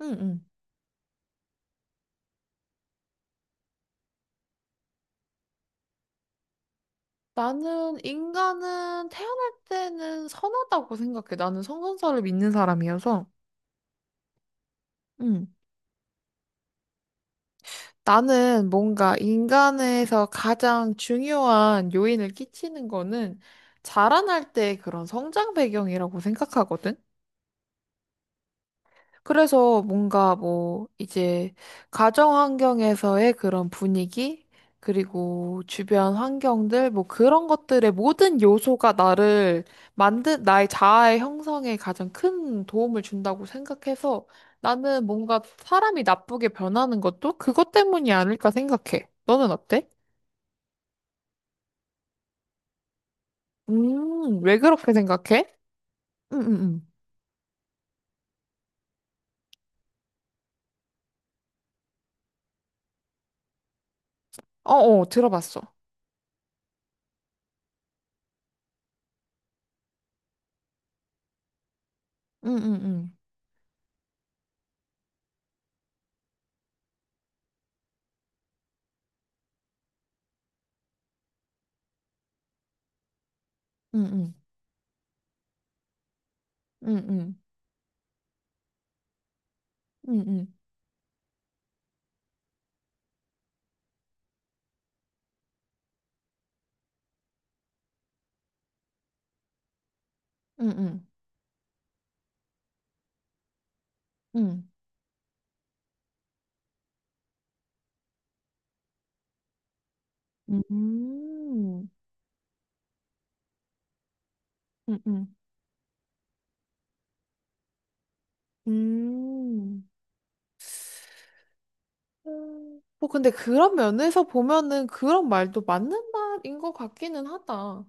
응응. 나는 인간은 태어날 때는 선하다고 생각해. 나는 성선설을 믿는 사람이어서. 응. 나는 뭔가 인간에서 가장 중요한 요인을 끼치는 거는 자라날 때 그런 성장 배경이라고 생각하거든. 그래서 뭔가 뭐 이제 가정 환경에서의 그런 분위기 그리고 주변 환경들 뭐 그런 것들의 모든 요소가 나를 만든 나의 자아의 형성에 가장 큰 도움을 준다고 생각해서 나는 뭔가 사람이 나쁘게 변하는 것도 그것 때문이 아닐까 생각해. 너는 어때? 왜 그렇게 생각해? 응, 응, 응. 어, 어, 들어봤어. 응, 응, 응. 응, 응. 응, 응. 응, 응. 응, 응. 응. 음, 음, 음. 음. 음. 뭐 근데 그런 면에서 보면은 그런 말도 맞는 말인 것 같기는 하다.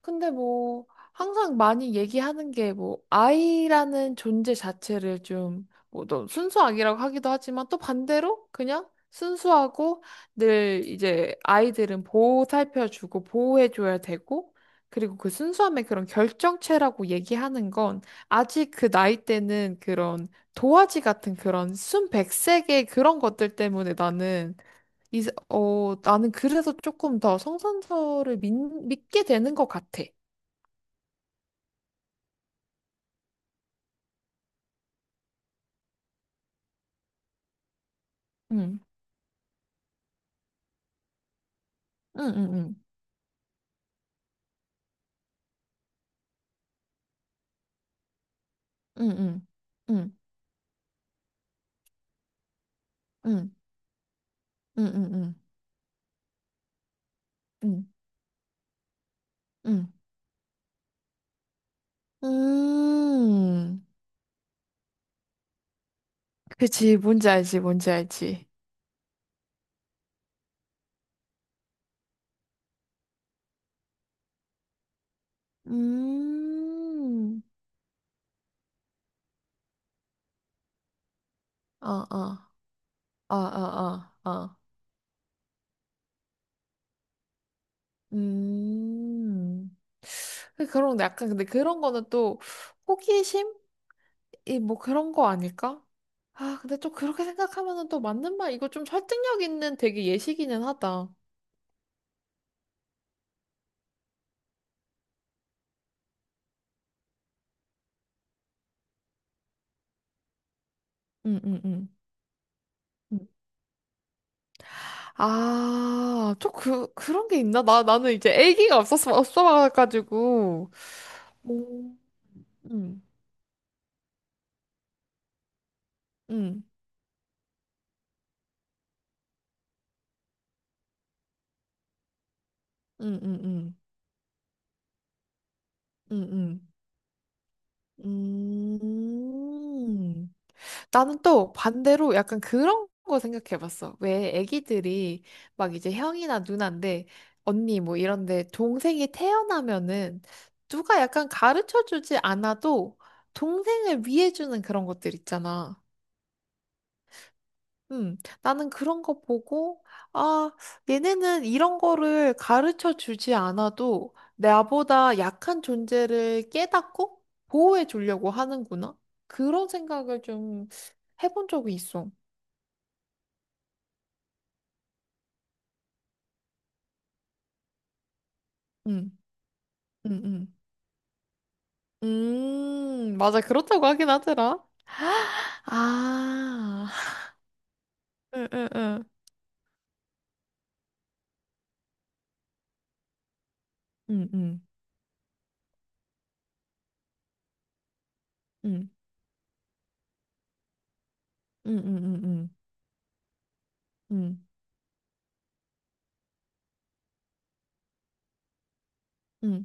근데 뭐 항상 많이 얘기하는 게 뭐 아이라는 존재 자체를 좀뭐또 순수악이라고 하기도 하지만 또 반대로 그냥 순수하고 늘 이제 아이들은 보살펴주고 보호해줘야 되고 그리고 그 순수함의 그런 결정체라고 얘기하는 건 아직 그 나이 때는 그런 도화지 같은 그런 순백색의 그런 것들 때문에 나는 이, 어, 나는 그래서 조금 더 성선설을 믿게 되는 것 같아. 응, 응, 응, 응, 응, 응, 응, 응, 응, 응, 응, 응. 음, 그치, 뭔지 알지, 뭔지 알지. 음, 어, 어, 어, 어, 어, 어. 음. 그런, 거 약간, 근데 그런 거는 또 호기심? 이 뭐 그런 거 아닐까? 아, 근데 또 그렇게 생각하면은 또 맞는 말, 이거 좀 설득력 있는 되게 예시기는 하다. 응, 응, 응. 아, 좀 그, 그런 게 있나? 나는 이제 애기가 없었어, 없어가지고. 음, 응응 응 응 응 응 응. 음. 나는 또 반대로 약간 그런 거 생각해봤어. 왜 애기들이 막 이제 형이나 누나인데 언니 뭐 이런데 동생이 태어나면은 누가 약간 가르쳐주지 않아도 동생을 위해주는 그런 것들 있잖아. 나는 그런 거 보고, 아, 얘네는 이런 거를 가르쳐 주지 않아도 나보다 약한 존재를 깨닫고 보호해 주려고 하는구나. 그런 생각을 좀 해본 적이 있어. 음, 음, 음. 맞아. 그렇다고 하긴 하더라. 아, 응, 응, 응. 응, 응, 응, 응, 응, 응, 응, 응.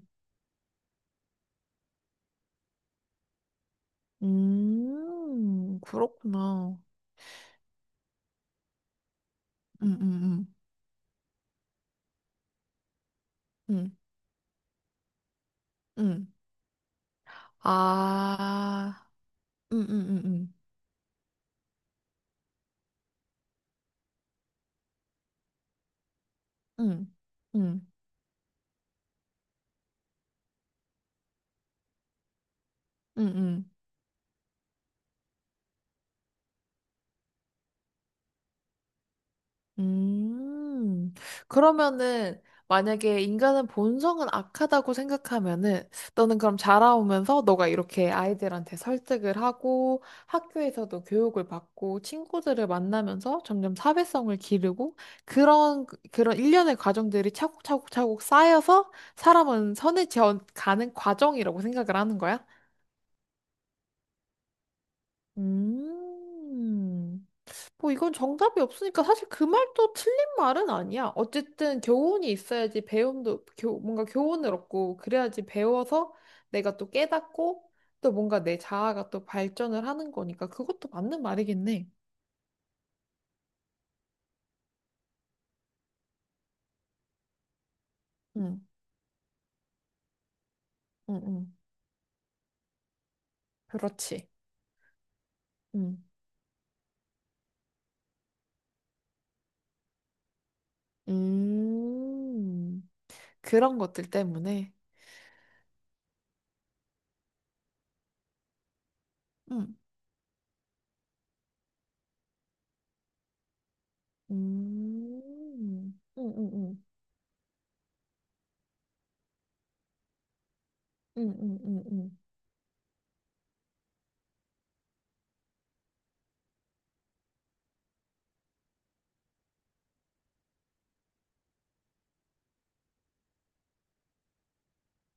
그렇구나. 응, 응, 응, 응, 응. 아, 음, 음, 음, 음, 음, 음, 음. 음. 그러면은, 만약에 인간은 본성은 악하다고 생각하면은, 너는 그럼 자라오면서 너가 이렇게 아이들한테 설득을 하고, 학교에서도 교육을 받고, 친구들을 만나면서 점점 사회성을 기르고, 그런, 그런 일련의 과정들이 차곡차곡차곡 쌓여서 사람은 선을 지어 가는 과정이라고 생각을 하는 거야? 음. 뭐 이건 정답이 없으니까 사실 그 말도 틀린 말은 아니야. 어쨌든 교훈이 있어야지 배움도 교, 뭔가 교훈을 얻고 그래야지 배워서 내가 또 깨닫고 또 뭔가 내 자아가 또 발전을 하는 거니까 그것도 맞는 말이겠네. 응, 응, 응. 그렇지. 응. 음. 그런 것들 때문에. 응. 음. 응, 응, 응. 응, 응, 응, 응.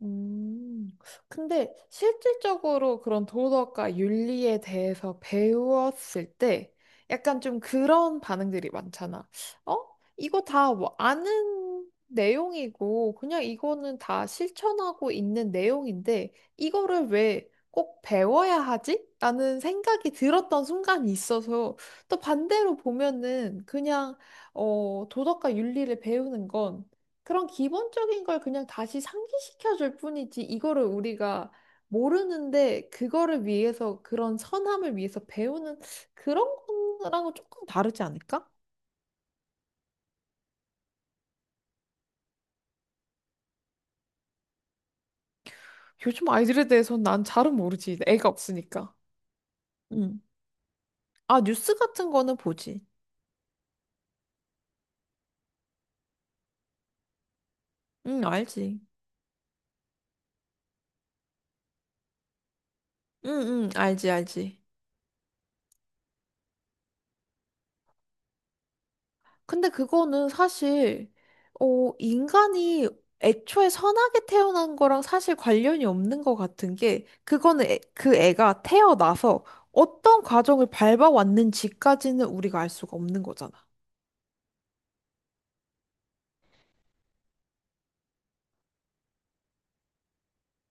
음, 근데 실질적으로 그런 도덕과 윤리에 대해서 배웠을 때 약간 좀 그런 반응들이 많잖아. 어? 이거 다 뭐 아는 내용이고 그냥 이거는 다 실천하고 있는 내용인데 이거를 왜 꼭 배워야 하지? 라는 생각이 들었던 순간이 있어서 또 반대로 보면은 그냥 어, 도덕과 윤리를 배우는 건 그런 기본적인 걸 그냥 다시 상기시켜 줄 뿐이지, 이거를 우리가 모르는데, 그거를 위해서, 그런 선함을 위해서 배우는 그런 거랑은 조금 다르지 않을까? 요즘 아이들에 대해서는 난 잘은 모르지. 애가 없으니까. 응. 아, 뉴스 같은 거는 보지. 응, 알지. 응, 응, 알지, 알지. 근데 그거는 사실, 어, 인간이 애초에 선하게 태어난 거랑 사실 관련이 없는 것 같은 게, 그거는 그 애가 태어나서 어떤 과정을 밟아왔는지까지는 우리가 알 수가 없는 거잖아.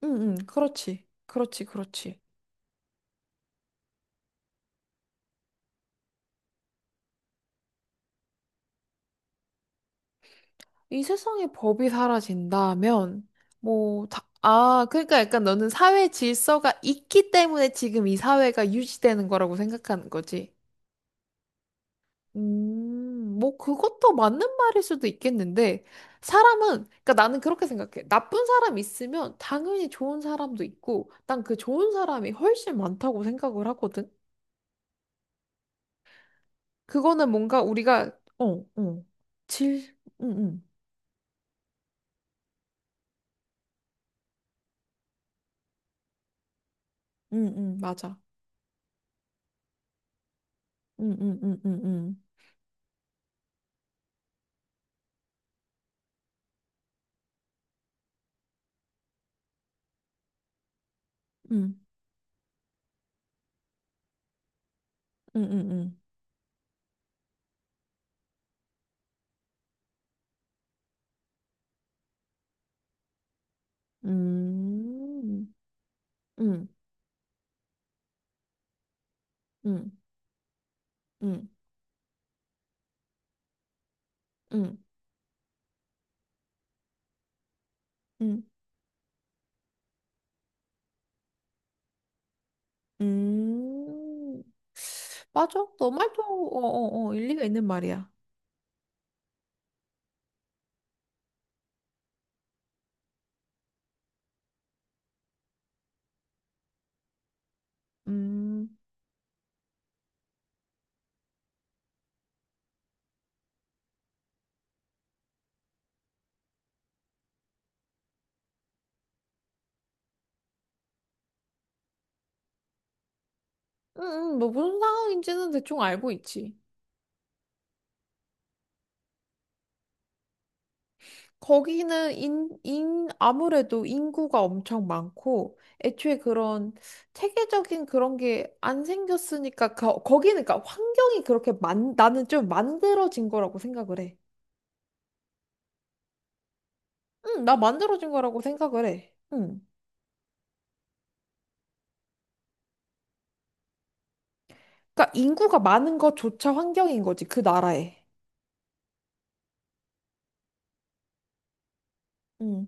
응, 응, 그렇지. 그렇지, 그렇지. 이 세상에 법이 사라진다면, 뭐, 다, 아, 그러니까 약간 너는 사회 질서가 있기 때문에 지금 이 사회가 유지되는 거라고 생각하는 거지. 뭐 그것도 맞는 말일 수도 있겠는데 사람은 그러니까 나는 그렇게 생각해. 나쁜 사람 있으면 당연히 좋은 사람도 있고 난 그 좋은 사람이 훨씬 많다고 생각을 하거든. 그거는 뭔가 우리가 어, 어. 질 응응 응응 맞아. 응응응응응 응응응응 응, 응, 응, 응. 음. 응 응 응 응 응 음. 맞아. 너 말도 어, 어, 어, 일리가 있는 말이야. 음, 뭐 무슨 상황인지는 대충 알고 있지. 거기는 아무래도 인구가 엄청 많고, 애초에 그런 체계적인 그런 게 안 생겼으니까, 거기는 그러니까 환경이 그렇게 만, 나는 좀 만들어진 거라고 생각을 해. 응, 나 만들어진 거라고 생각을 해. 응. 그러니까 인구가 많은 것조차 환경인 거지, 그 나라에. 응.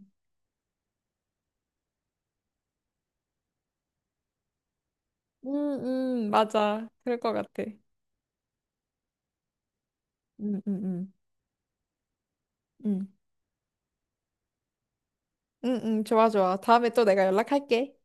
맞아. 그럴 것 같아. 음, 음, 음. 음. 응, 응, 좋아, 좋아. 다음에 또 내가 연락할게.